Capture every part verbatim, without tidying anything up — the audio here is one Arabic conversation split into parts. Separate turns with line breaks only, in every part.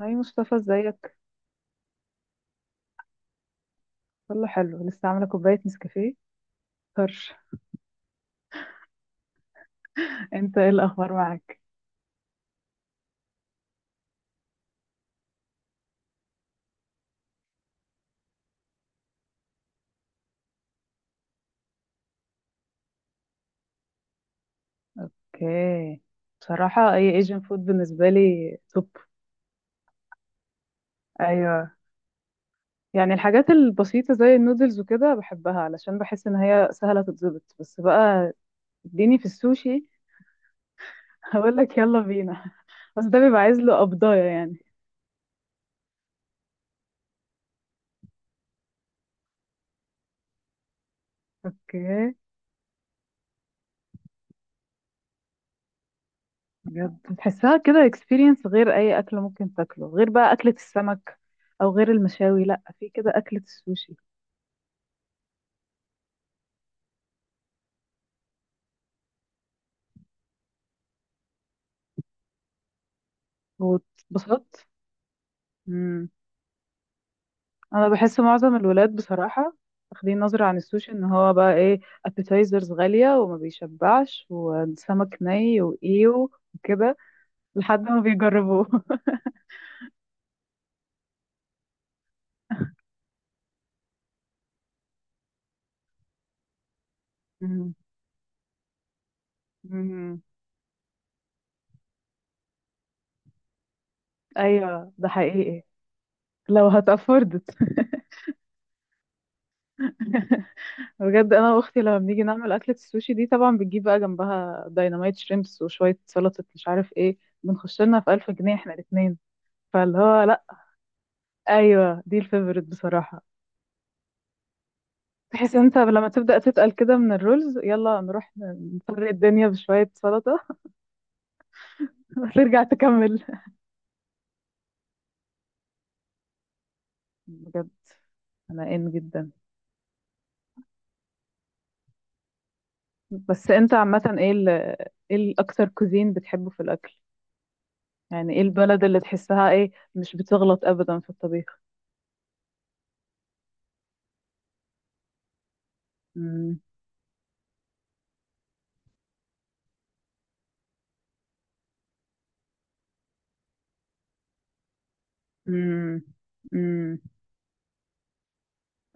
هاي مصطفى، ازيك؟ كله حلو، لسه عامله كوبايه نسكافيه طرش. انت ايه الاخبار معاك؟ اوكي، بصراحه اي ايجن فود بالنسبه لي توب. ايوه، يعني الحاجات البسيطه زي النودلز وكده بحبها علشان بحس ان هي سهله تتظبط، بس بقى اديني في السوشي. هقول لك يلا بينا، بس ده بيبقى عايز له قبضايه يعني. اوكي، بجد بتحسها كده اكسبيرينس غير اي اكل ممكن تاكله، غير بقى اكله السمك او غير المشاوي، لا في كده اكله السوشي. واتبسطت؟ مم. انا بحس معظم الولاد بصراحة واخدين نظرة عن السوشي ان هو بقى ايه، ابيتايزرز غالية وما بيشبعش وسمك ني وايه وكده، لحد ما بيجربوه. مم. مم. ايوه ده حقيقي. لو هتأفوردت. بجد انا واختي لما بنيجي نعمل اكلة السوشي دي طبعا بتجيب بقى جنبها دايناميت شريمبس وشوية سلطة مش عارف ايه، بنخش لنا في ألف جنيه احنا الاتنين. فاللي هو لا، ايوه دي الفيفوريت بصراحة. بحيث انت لما تبدأ تتقل كده من الرولز، يلا نروح نفرق الدنيا بشوية سلطة وترجع تكمل. بجد انا ان جدا. بس انت عامة ايه ال ايه الاكتر كوزين بتحبه في الاكل؟ يعني ايه البلد اللي تحسها ايه مش بتغلط ابدا في الطبيخ؟ امم، امم، امم.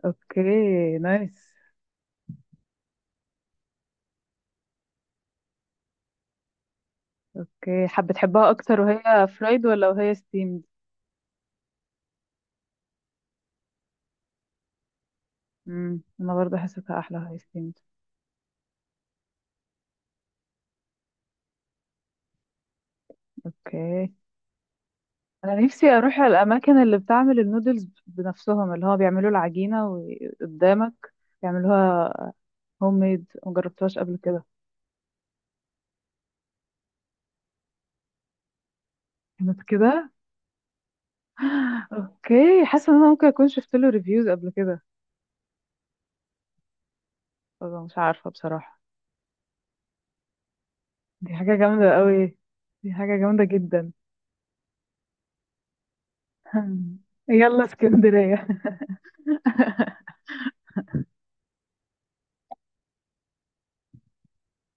اوكي، نايس. اوكي، حابة تحبها اكتر وهي فرايد ولا وهي ستيمد؟ امم، انا برضه حسيتها احلى وهي ستيمد. اوكي. انا نفسي اروح الاماكن اللي بتعمل النودلز بنفسهم، اللي هو بيعملوا العجينه وقدامك يعملوها، هوم ميد، ما جربتهاش قبل كده. كانت كده. اوكي، حاسه ان انا ممكن اكون شفت له ريفيوز قبل كده، بس مش عارفه بصراحه. دي حاجه جامده قوي، دي حاجه جامده جدا. يلا اسكندريه.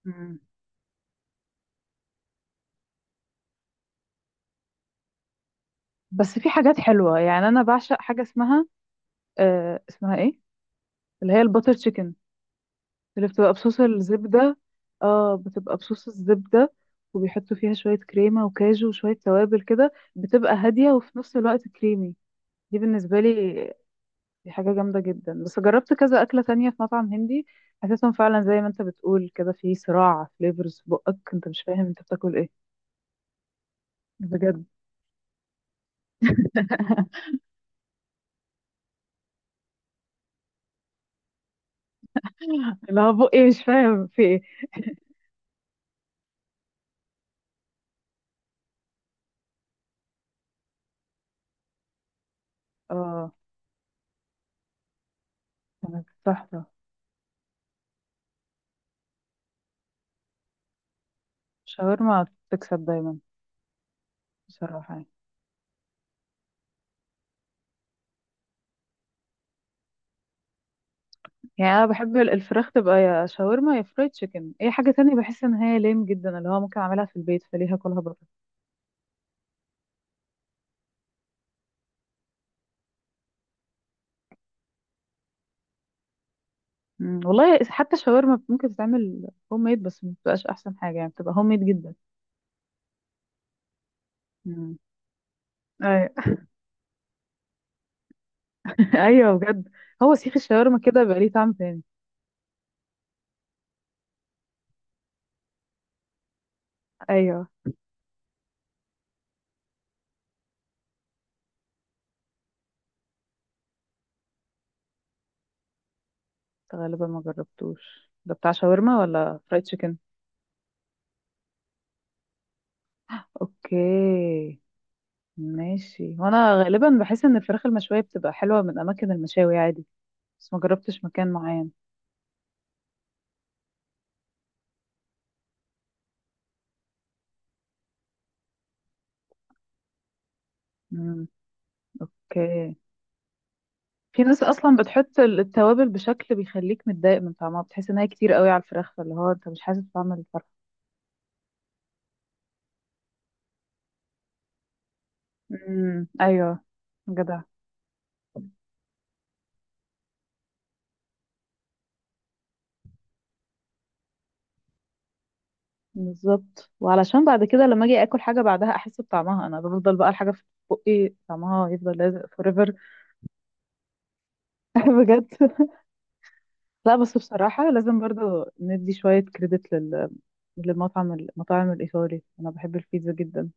مم. بس في حاجات حلوه، يعني انا بعشق حاجه اسمها، آه اسمها ايه، اللي هي الباتر تشيكن، اللي بتبقى بصوص الزبدة. اه بتبقى بصوص الزبدة، وبيحطوا فيها شوية كريمة وكاجو وشوية توابل كده، بتبقى هادية وفي نفس الوقت كريمي. دي بالنسبة لي دي حاجة جامدة جدا. بس جربت كذا أكلة تانية في مطعم هندي، حسيتهم فعلا زي ما انت بتقول كده، في صراع فليفرز في بقك انت مش فاهم انت بتاكل ايه. بجد. اللي هو بقي مش فاهم في ايه. اه كانت تحفة. شاورما تكسب دايما. بصراحة يعني. يعني انا بحب ال- الفراخ تبقى يا شاورما يا فرايد تشيكن، اي حاجه تانية بحس ان هي ليم جدا، اللي هو ممكن اعملها في البيت فليه هاكلها بره. مم، والله حتى الشاورما ممكن تتعمل هوم ميد، بس ما بتبقاش احسن حاجه، يعني بتبقى هوم ميد جدا. مم. ايوه. ايوه بجد، هو سيخ الشاورما كده بقى ليه طعم تاني. ايوه، غالبا ما جربتوش ده، بتاع شاورما ولا فرايد تشيكن؟ اوكي، ماشي. وانا غالبا بحس ان الفراخ المشويه بتبقى حلوه من اماكن المشاوي عادي، بس ما جربتش مكان معين. مم، اوكي. في ناس اصلا بتحط ال- التوابل بشكل بيخليك متضايق من طعمها، بتحس ان هي كتير قوي على الفراخ، فاللي هو انت مش حاسس بطعم الفرخه. امم، ايوه، جدع. بالظبط، وعلشان بعد كده لما اجي اكل حاجه بعدها احس بطعمها، انا بفضل بقى الحاجه في، بقي طعمها يفضل لازق فوريفر. بجد. لا بس بصراحه لازم برضو ندي شويه كريدت لل للمطعم المطاعم الايطالي، انا بحب البيتزا جدا.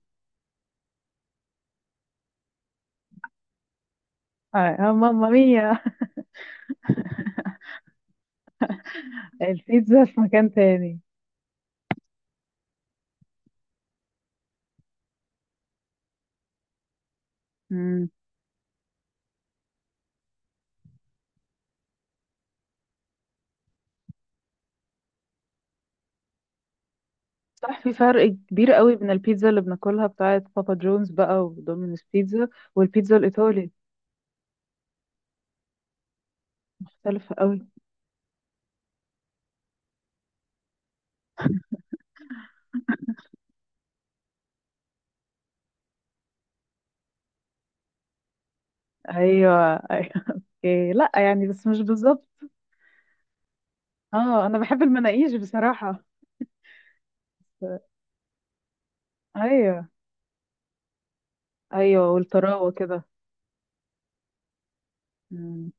آه ماما ميا، البيتزا في مكان تاني. صح، في فرق كبير قوي بين البيتزا اللي بناكلها بتاعه بابا جونز بقى ودومينوس بيتزا، والبيتزا الايطالي مختلفه قوي. ايوه، ايوه. اوكي، لا يعني بس مش بالظبط. اه انا بحب المناقيش بصراحه. ايوه، ايوه والطراوه كده. مم.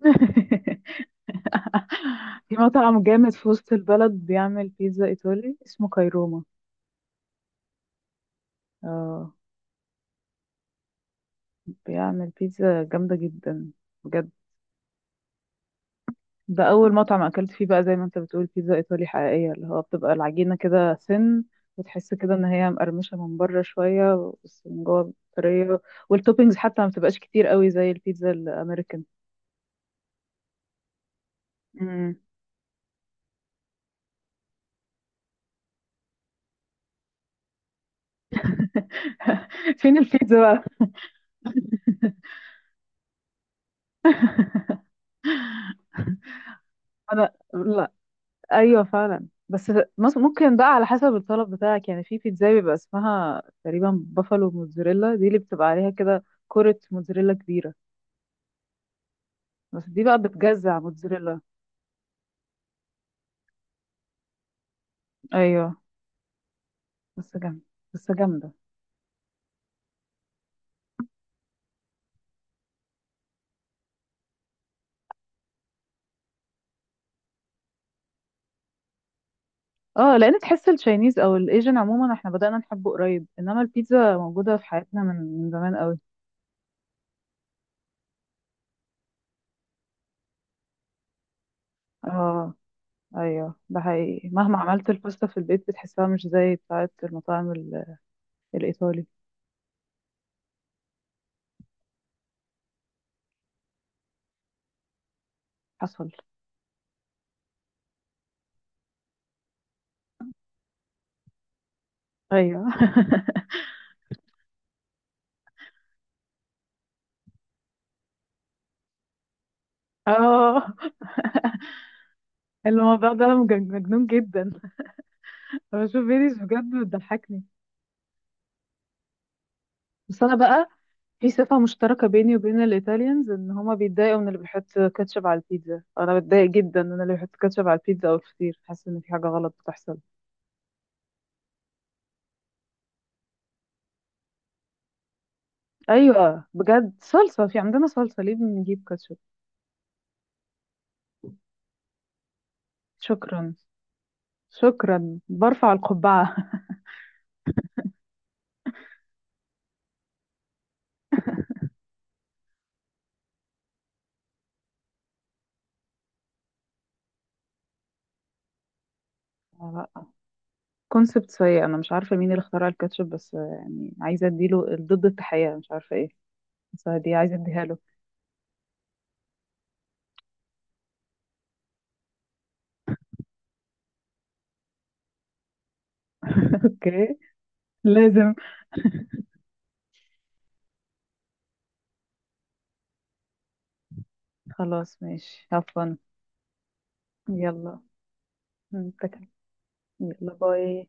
في مطعم جامد في وسط البلد بيعمل بيتزا ايطالي اسمه كايروما. اه، بيعمل بيتزا جامده جدا. بجد، ده اول مطعم اكلت فيه بقى زي ما انت بتقول بيتزا ايطالي حقيقيه، اللي هو بتبقى العجينه كده سن، وتحس كده ان هي مقرمشه من بره شويه بس من جوه طريه. والتوبينجز حتى ما بتبقاش كتير قوي زي البيتزا الامريكان. مم. فين البيتزا بقى. انا لا، ايوه فعلا. بس مس- ممكن بقى على حسب الطلب بتاعك، يعني في بيتزا بيبقى اسمها تقريبا بافالو موتزاريلا، دي اللي بتبقى عليها كده كرة موتزاريلا كبيرة. بس دي بقى بتجزع موتزاريلا. ايوه. بس جامدة، بس جامدة. اه لان تحس التشاينيز او الايجن عموما احنا بدأنا نحبه قريب، انما البيتزا موجودة في حياتنا من من زمان قوي. اه، ايوه ده حقيقي، مهما عملت الباستا في البيت بتحسها مش زي بتاعة المطاعم ال- الايطالي. حصل. ايوه. اه، الموضوع ده مجن- مجنون جدا. انا بشوف فيديوز بجد بتضحكني. بس انا بقى في صفة مشتركة بيني وبين الإيطاليانز، إن هما بيتضايقوا من اللي بيحط كاتشب على البيتزا. أنا بتضايق جدا إن أنا اللي بيحط كاتشب على البيتزا أو الفطير، حاسة إن في حاجة غلط بتحصل. أيوة بجد، صلصة في عندنا، صلصة، ليه بنجيب كاتشب؟ شكرا، شكرا برفع القبعة. لا، كونسبت سيء. أنا مش عارفة مين اللي اخترع الكاتشب، بس يعني عايزة أديله ضد التحية، مش عارفة إيه، بس دي عايزة أديها له. أوكي، لازم. خلاص ماشي هفن. يلا نتكلم. يلا باي.